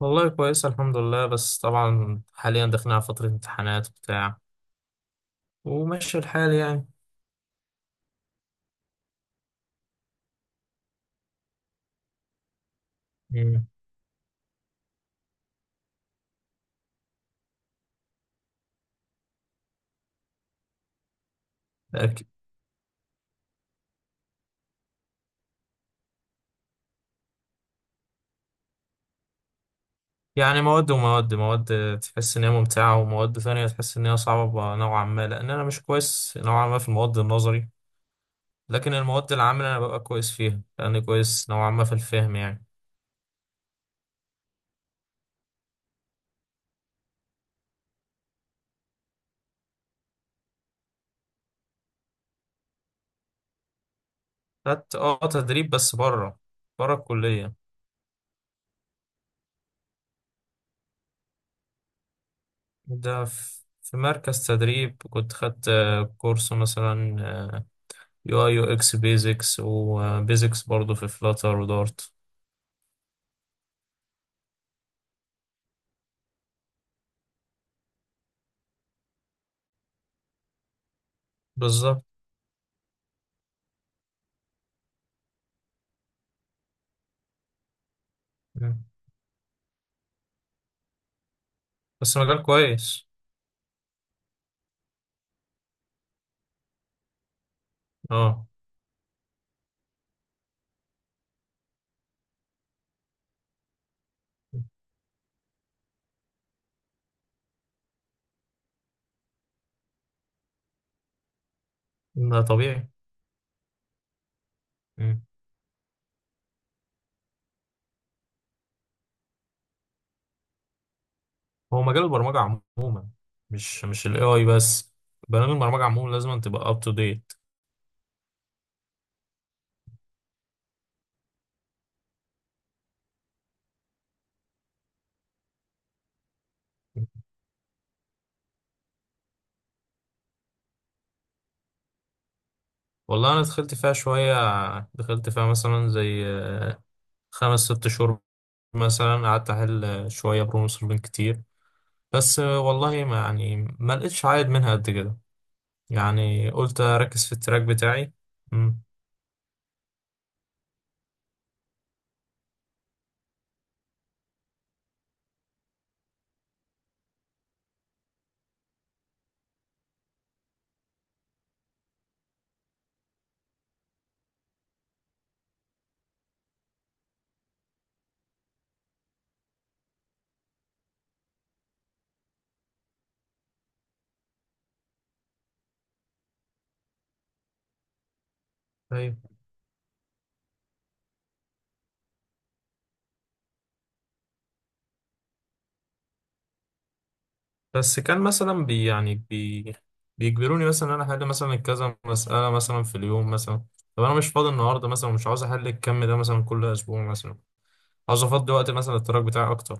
والله كويسة، الحمد لله. بس طبعا حاليا داخلين على فترة امتحانات بتاع، وماشي الحال يعني. مم. لكن- يعني مواد تحس إن هي ممتعة، ومواد ثانية تحس إن هي صعبة نوعا ما، لأن أنا مش كويس نوعا ما في المواد النظري. لكن المواد العامة أنا ببقى كويس فيها، لأني كويس نوعا ما في الفهم يعني. خدت تدريب، بس بره الكلية. ده في مركز تدريب، كنت خدت كورس مثلا يو اي يو اكس، بيزكس وبيزكس برضه، في فلاتر ودارت. بالظبط. مم. بس مجال كويس. اه، ده طبيعي. مم. هو مجال البرمجة عموما، مش الاي اي بس، برامج البرمجة عموما لازم أن تبقى اب تو ديت. والله انا دخلت فيها شوية، دخلت فيها مثلا زي خمس ست شهور، مثلا قعدت احل شوية بروبلم سولفنج كتير، بس والله ما يعني ما لقيتش عائد منها قد كده، يعني قلت اركز في التراك بتاعي. مم. بس كان مثلا بي يعني بي بيجبروني مثلا ان انا احل مثلا كذا مسألة مثلا في اليوم مثلا. طب انا مش فاضي النهارده مثلا، ومش عاوز احل الكم ده مثلا كل اسبوع مثلا، عاوز افضي وقت مثلا للتراك بتاعي اكتر.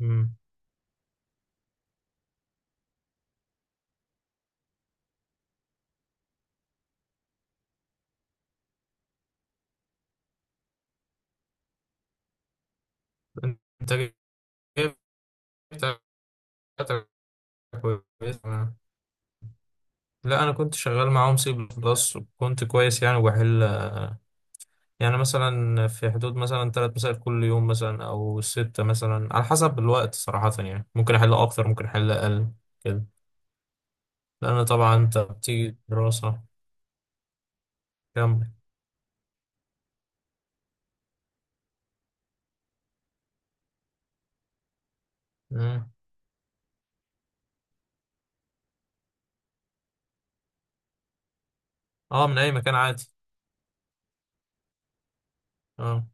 مم. الانتاجية بتاعتك كويسة. لا، انا كنت شغال معاهم سي بلس، وكنت كويس يعني، وبحل يعني مثلا في حدود مثلا 3 مسائل كل يوم مثلا، او ستة مثلا على حسب الوقت صراحة، يعني ممكن احل اكتر ممكن احل اقل كده، لأن طبعا أنت بتيجي دراسة. كمل. مم. أه، من أي مكان عادي. أه.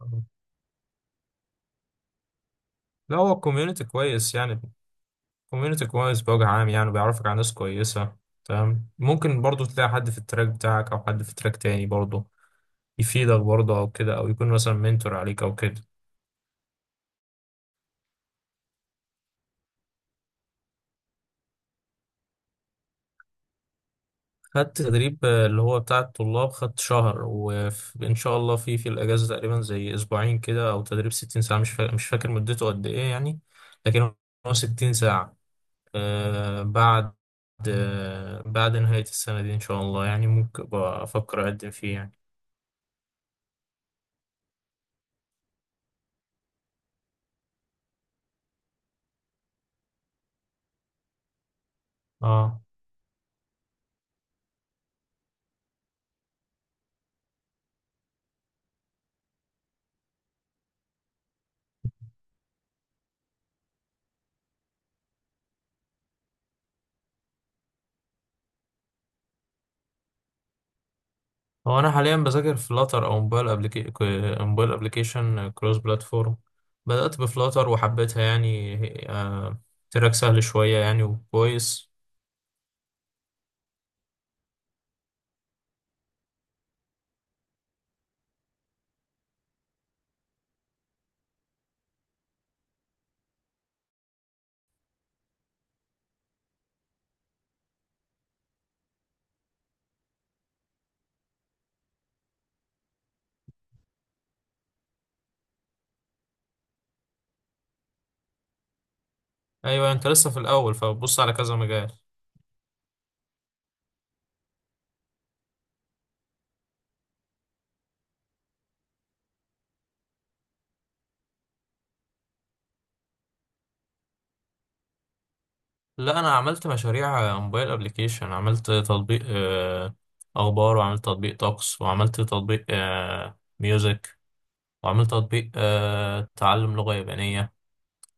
آه. لا، هو الكوميونيتي كويس يعني. الكوميونيتي كويس بوجه عام، يعني بيعرفك على ناس كويسة، تمام. ممكن برضو تلاقي حد في التراك بتاعك، أو حد في تراك تاني برضو يفيدك برضو، أو كده، أو يكون مثلا منتور عليك أو كده. خدت تدريب اللي هو بتاع الطلاب، خدت شهر، وإن شاء الله في الأجازة تقريبا زي أسبوعين كده، أو تدريب 60 ساعة، مش فاكر مدته قد إيه يعني. لكن هو 60 ساعة. آه بعد بعد نهاية السنة دي إن شاء الله يعني، ممكن أبقى أفكر أقدم فيه يعني. اه، هو أنا حاليا بذاكر فلاتر أو موبايل أبليكيشن كروس بلاتفورم. بدأت بفلاتر وحبيتها يعني. آه تراك سهل شوية يعني وكويس. أيوة، أنت لسه في الأول فبص على كذا مجال. لا، أنا عملت مشاريع موبايل أبليكيشن، عملت تطبيق أخبار، وعملت تطبيق طقس، وعملت تطبيق ميوزك، وعملت تطبيق تعلم لغة يابانية.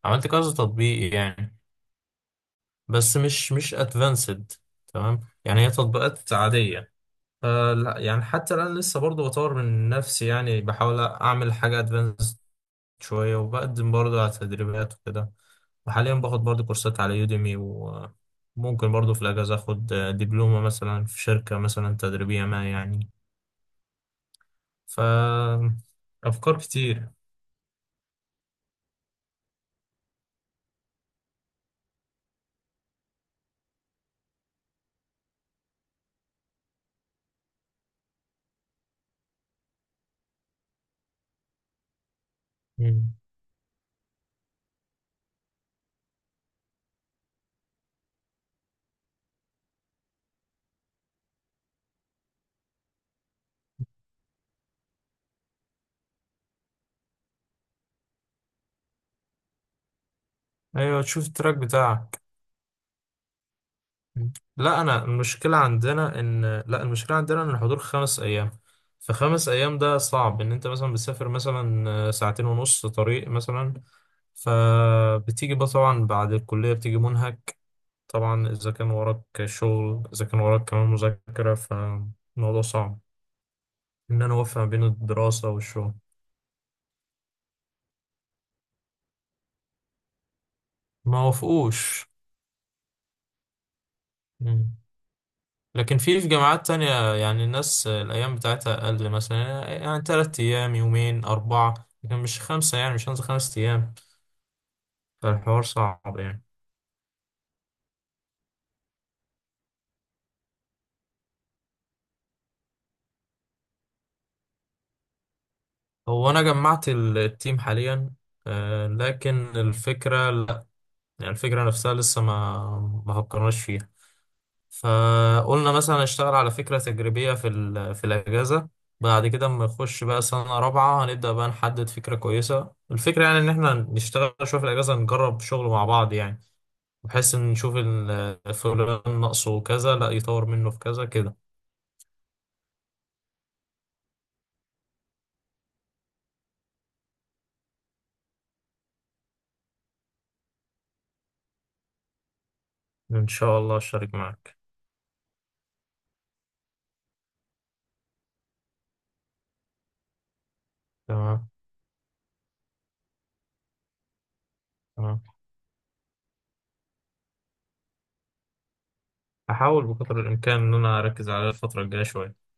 عملت كذا تطبيق يعني، بس مش ادفانسد، تمام، يعني هي تطبيقات عادية. فلا يعني حتى الآن لسه برضه بطور من نفسي، يعني بحاول أعمل حاجة ادفانسد شوية، وبقدم برضه على تدريبات وكده، وحاليا باخد برضه كورسات على يوديمي، وممكن برضه في الأجازة أخد دبلومة مثلا في شركة مثلا تدريبية ما يعني. ف أفكار كتير. مم. أيوة، تشوف التراك بتاعك. لا انا المشكله عندنا ان لا، المشكله عندنا ان الحضور 5 ايام، فخمس ايام ده صعب، ان انت مثلا بتسافر مثلا ساعتين ونص طريق مثلا، فبتيجي بقى طبعا بعد الكليه بتيجي منهك، طبعا اذا كان وراك شغل، اذا كان وراك كمان مذاكره، فالموضوع صعب ان انا اوفق ما بين الدراسه والشغل. ما وافقوش. لكن في جامعات تانية يعني الناس الأيام بتاعتها أقل مثلا، يعني 3 أيام، يومين، أربعة، لكن مش خمسة، يعني مش هنزل 5 أيام، فالحوار صعب يعني. هو أنا جمعت التيم حاليا. آه، لكن الفكرة لأ، يعني الفكرة نفسها لسه ما فكرناش فيها. فقلنا مثلا نشتغل على فكرة تجريبية في الأجازة. بعد كده اما نخش بقى سنة رابعة، هنبدأ بقى نحدد فكرة كويسة. الفكرة يعني إن إحنا نشتغل شوية في الأجازة، نجرب شغل مع بعض يعني، بحيث ان يشوف فلان ناقصه كذا، لا يطور منه في كذا كده. ان شاء الله اشترك معاك. تمام، تمام. هحاول بقدر الامكان ان انا اركز على الفتره الجايه شويه.